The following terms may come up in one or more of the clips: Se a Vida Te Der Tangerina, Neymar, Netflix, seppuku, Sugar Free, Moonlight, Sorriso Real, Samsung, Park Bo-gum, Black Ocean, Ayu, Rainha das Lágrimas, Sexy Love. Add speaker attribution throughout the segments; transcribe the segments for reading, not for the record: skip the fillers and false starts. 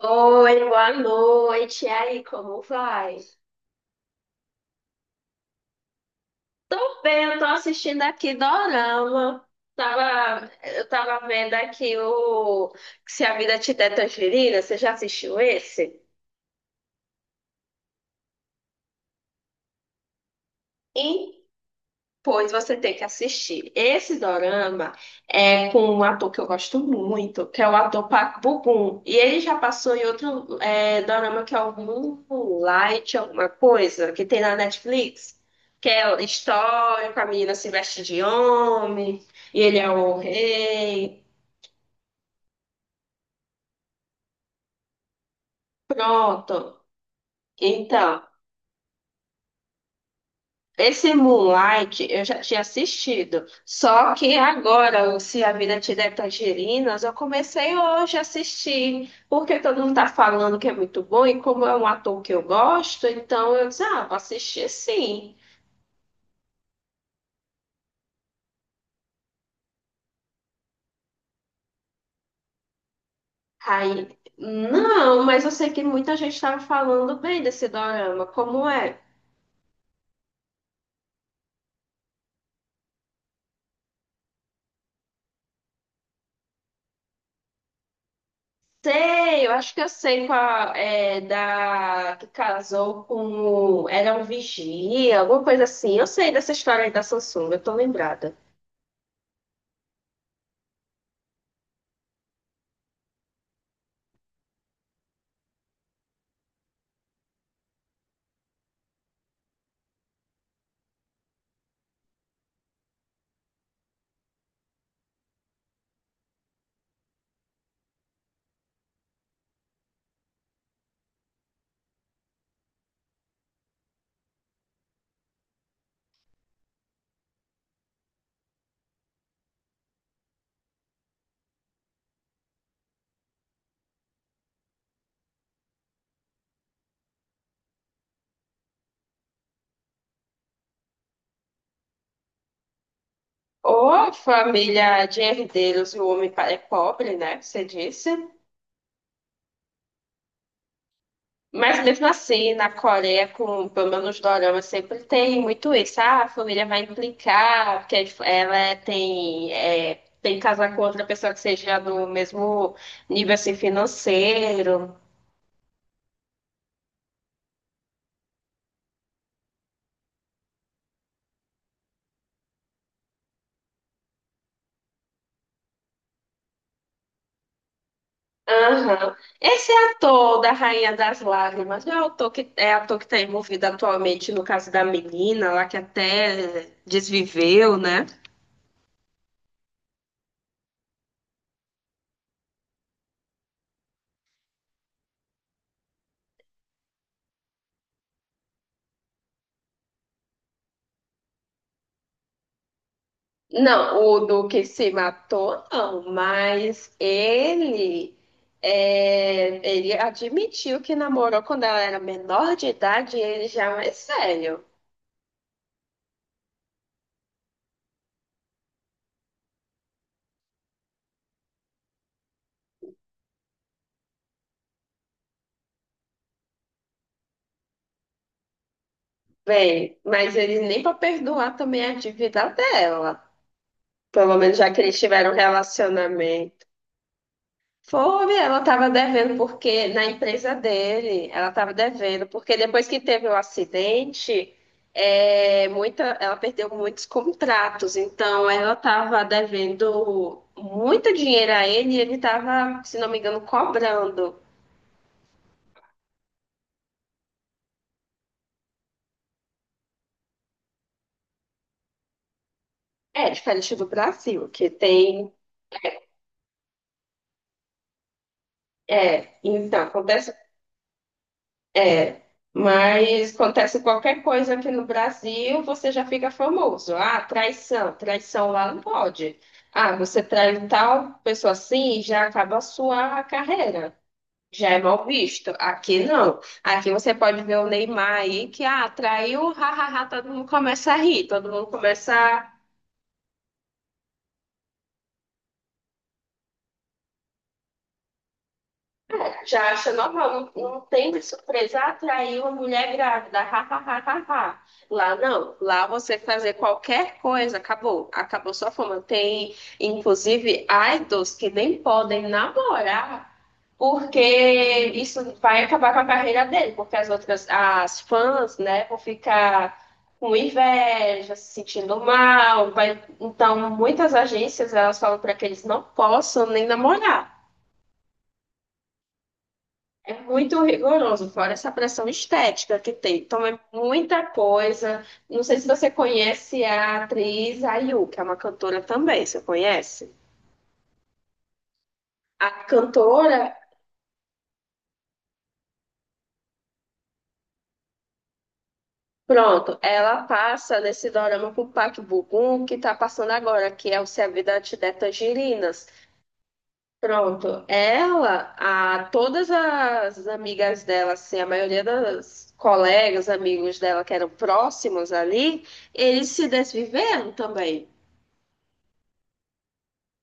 Speaker 1: Oi, boa noite. E aí, como vai? Tô bem, eu tô assistindo aqui Dorama. Eu tava vendo aqui o Se a Vida Te Der Tangerina. Você já assistiu esse? Pois você tem que assistir. Esse dorama é com um ator que eu gosto muito, que é o ator Park Bo-gum. E ele já passou em outro dorama que é o Moonlight, alguma coisa, que tem na Netflix, que é histórico, a menina se veste de homem, e ele é o rei. Pronto. Então, esse Moonlight eu já tinha assistido, só que agora, o Se a Vida Te Der Tangerinas, eu comecei hoje a assistir, porque todo mundo tá falando que é muito bom, e como é um ator que eu gosto, então eu disse, ah, vou assistir sim. Aí, não, mas eu sei que muita gente estava falando bem desse dorama, como é? Sei, eu acho que eu sei qual é da que casou era um vigia, alguma coisa assim. Eu sei dessa história aí da Samsung, eu tô lembrada. Ô, família de herdeiros, o homem é pobre, né? Você disse. Mas mesmo assim, na Coreia, com pelo menos dorama, sempre tem muito isso. Ah, a família vai implicar, porque ela tem que casar com outra pessoa que seja do mesmo nível assim, financeiro. Aham. Esse ator da Rainha das Lágrimas não é ator que está envolvido atualmente no caso da menina lá que até desviveu, né? Não, o do que se matou, não, mas ele admitiu que namorou quando ela era menor de idade e ele já é mais sério. Bem, mas ele nem para perdoar também a dívida dela. Pelo menos já que eles tiveram um relacionamento. Foi, ela estava devendo porque na empresa dele, ela estava devendo porque depois que teve o acidente, ela perdeu muitos contratos, então ela estava devendo muito dinheiro a ele e ele estava, se não me engano, cobrando. É diferente do Brasil, que tem. É, então, acontece. É, mas acontece qualquer coisa aqui no Brasil, você já fica famoso. Ah, traição, traição lá não pode. Ah, você trai tal pessoa assim, já acaba a sua carreira. Já é mal visto. Aqui não. Aqui você pode ver o Neymar aí que ah, traiu, hahaha, todo mundo começa a rir, todo mundo começa. Já acha normal, não, não tem de surpresa atrair uma mulher grávida, ha, ha, ha, ha, ha. Lá não, lá você fazer qualquer coisa, acabou, acabou sua fama. Tem, inclusive, idols que nem podem namorar, porque isso vai acabar com a carreira dele, porque as outras, as fãs, né, vão ficar com inveja, se sentindo mal. Então, muitas agências, elas falam para que eles não possam nem namorar. É muito rigoroso, fora essa pressão estética que tem. Então é muita coisa. Não sei se você conhece a atriz Ayu, que é uma cantora também, você conhece? A cantora, pronto, ela passa nesse dorama com o Park Bo-gum, que tá passando agora, que é o Se a Vida Te Der Tangerinas. Pronto, todas as amigas dela, assim, a maioria das colegas, amigos dela que eram próximos ali, eles se desviveram também.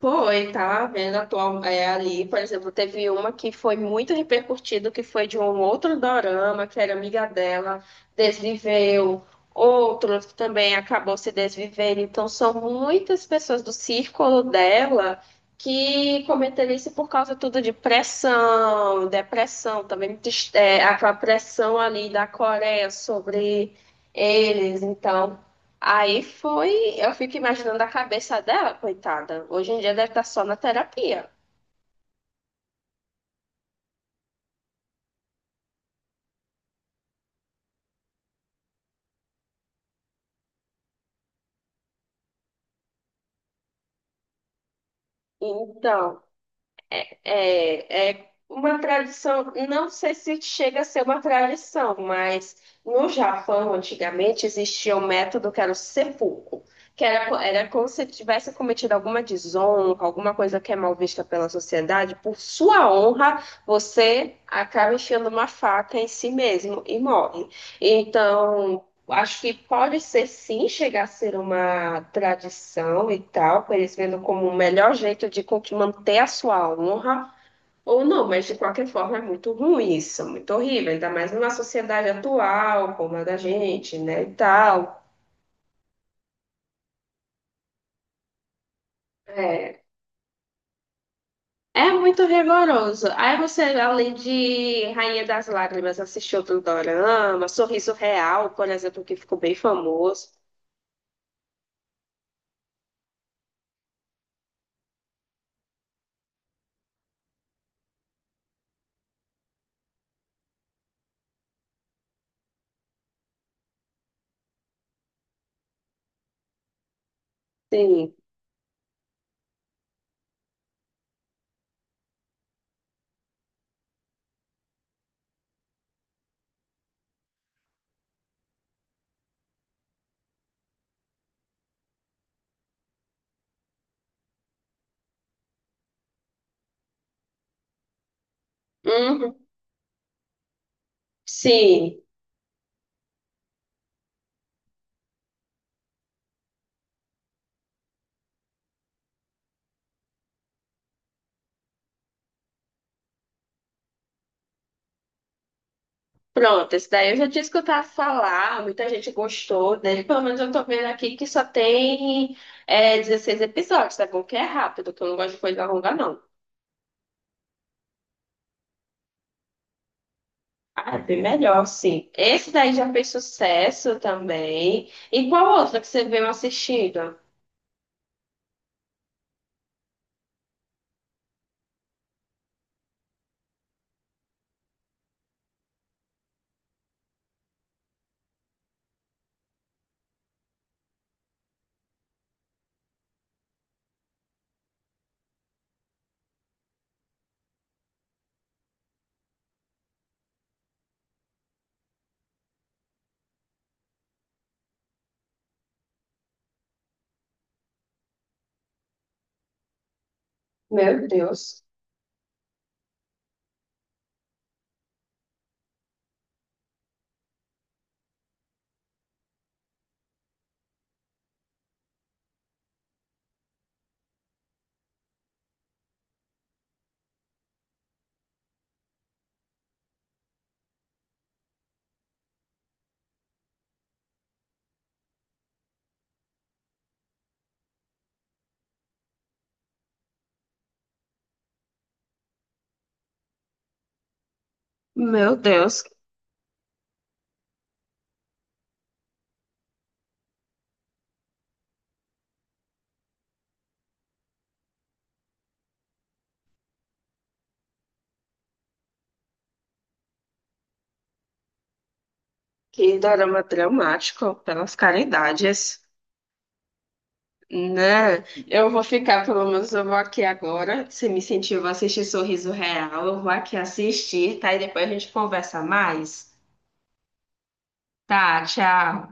Speaker 1: Foi, tá vendo atual, ali, por exemplo, teve uma que foi muito repercutida, que foi de um outro dorama, que era amiga dela, desviveu, outro que também acabou se desvivendo. Então, são muitas pessoas do círculo dela que cometeram isso por causa tudo de pressão, depressão, também aquela pressão ali da Coreia sobre eles. Então, aí foi, eu fico imaginando a cabeça dela, coitada. Hoje em dia deve estar só na terapia. Então, é uma tradição, não sei se chega a ser uma tradição, mas no Japão, antigamente, existia um método que era o seppuku, que era como se tivesse cometido alguma desonra, alguma coisa que é mal vista pela sociedade, por sua honra, você acaba enfiando uma faca em si mesmo e morre. Então, acho que pode ser sim chegar a ser uma tradição e tal, para eles vendo como o melhor jeito de manter a sua honra, ou não, mas de qualquer forma é muito ruim isso, é muito horrível, ainda mais numa sociedade atual como a da gente, né, e tal. É, é muito rigoroso. Aí você, além de Rainha das Lágrimas, assistiu outro dorama, Sorriso Real, por exemplo, que ficou bem famoso. Sim. Uhum. Sim. Pronto, esse daí eu já tinha escutado falar, muita gente gostou dele. Pelo menos eu tô vendo aqui que só tem 16 episódios, tá bom? Que é rápido, que eu não gosto de coisa longa, não. Ah, é bem melhor, sim. Esse daí já fez sucesso também. E qual outra que você veio assistindo? Meu Deus. Meu Deus, que dorama dramático pelas caridades. Né? Eu vou ficar, pelo menos eu vou aqui agora. Você me incentiva a assistir Sorriso Real. Eu vou aqui assistir, tá? E depois a gente conversa mais. Tá, tchau.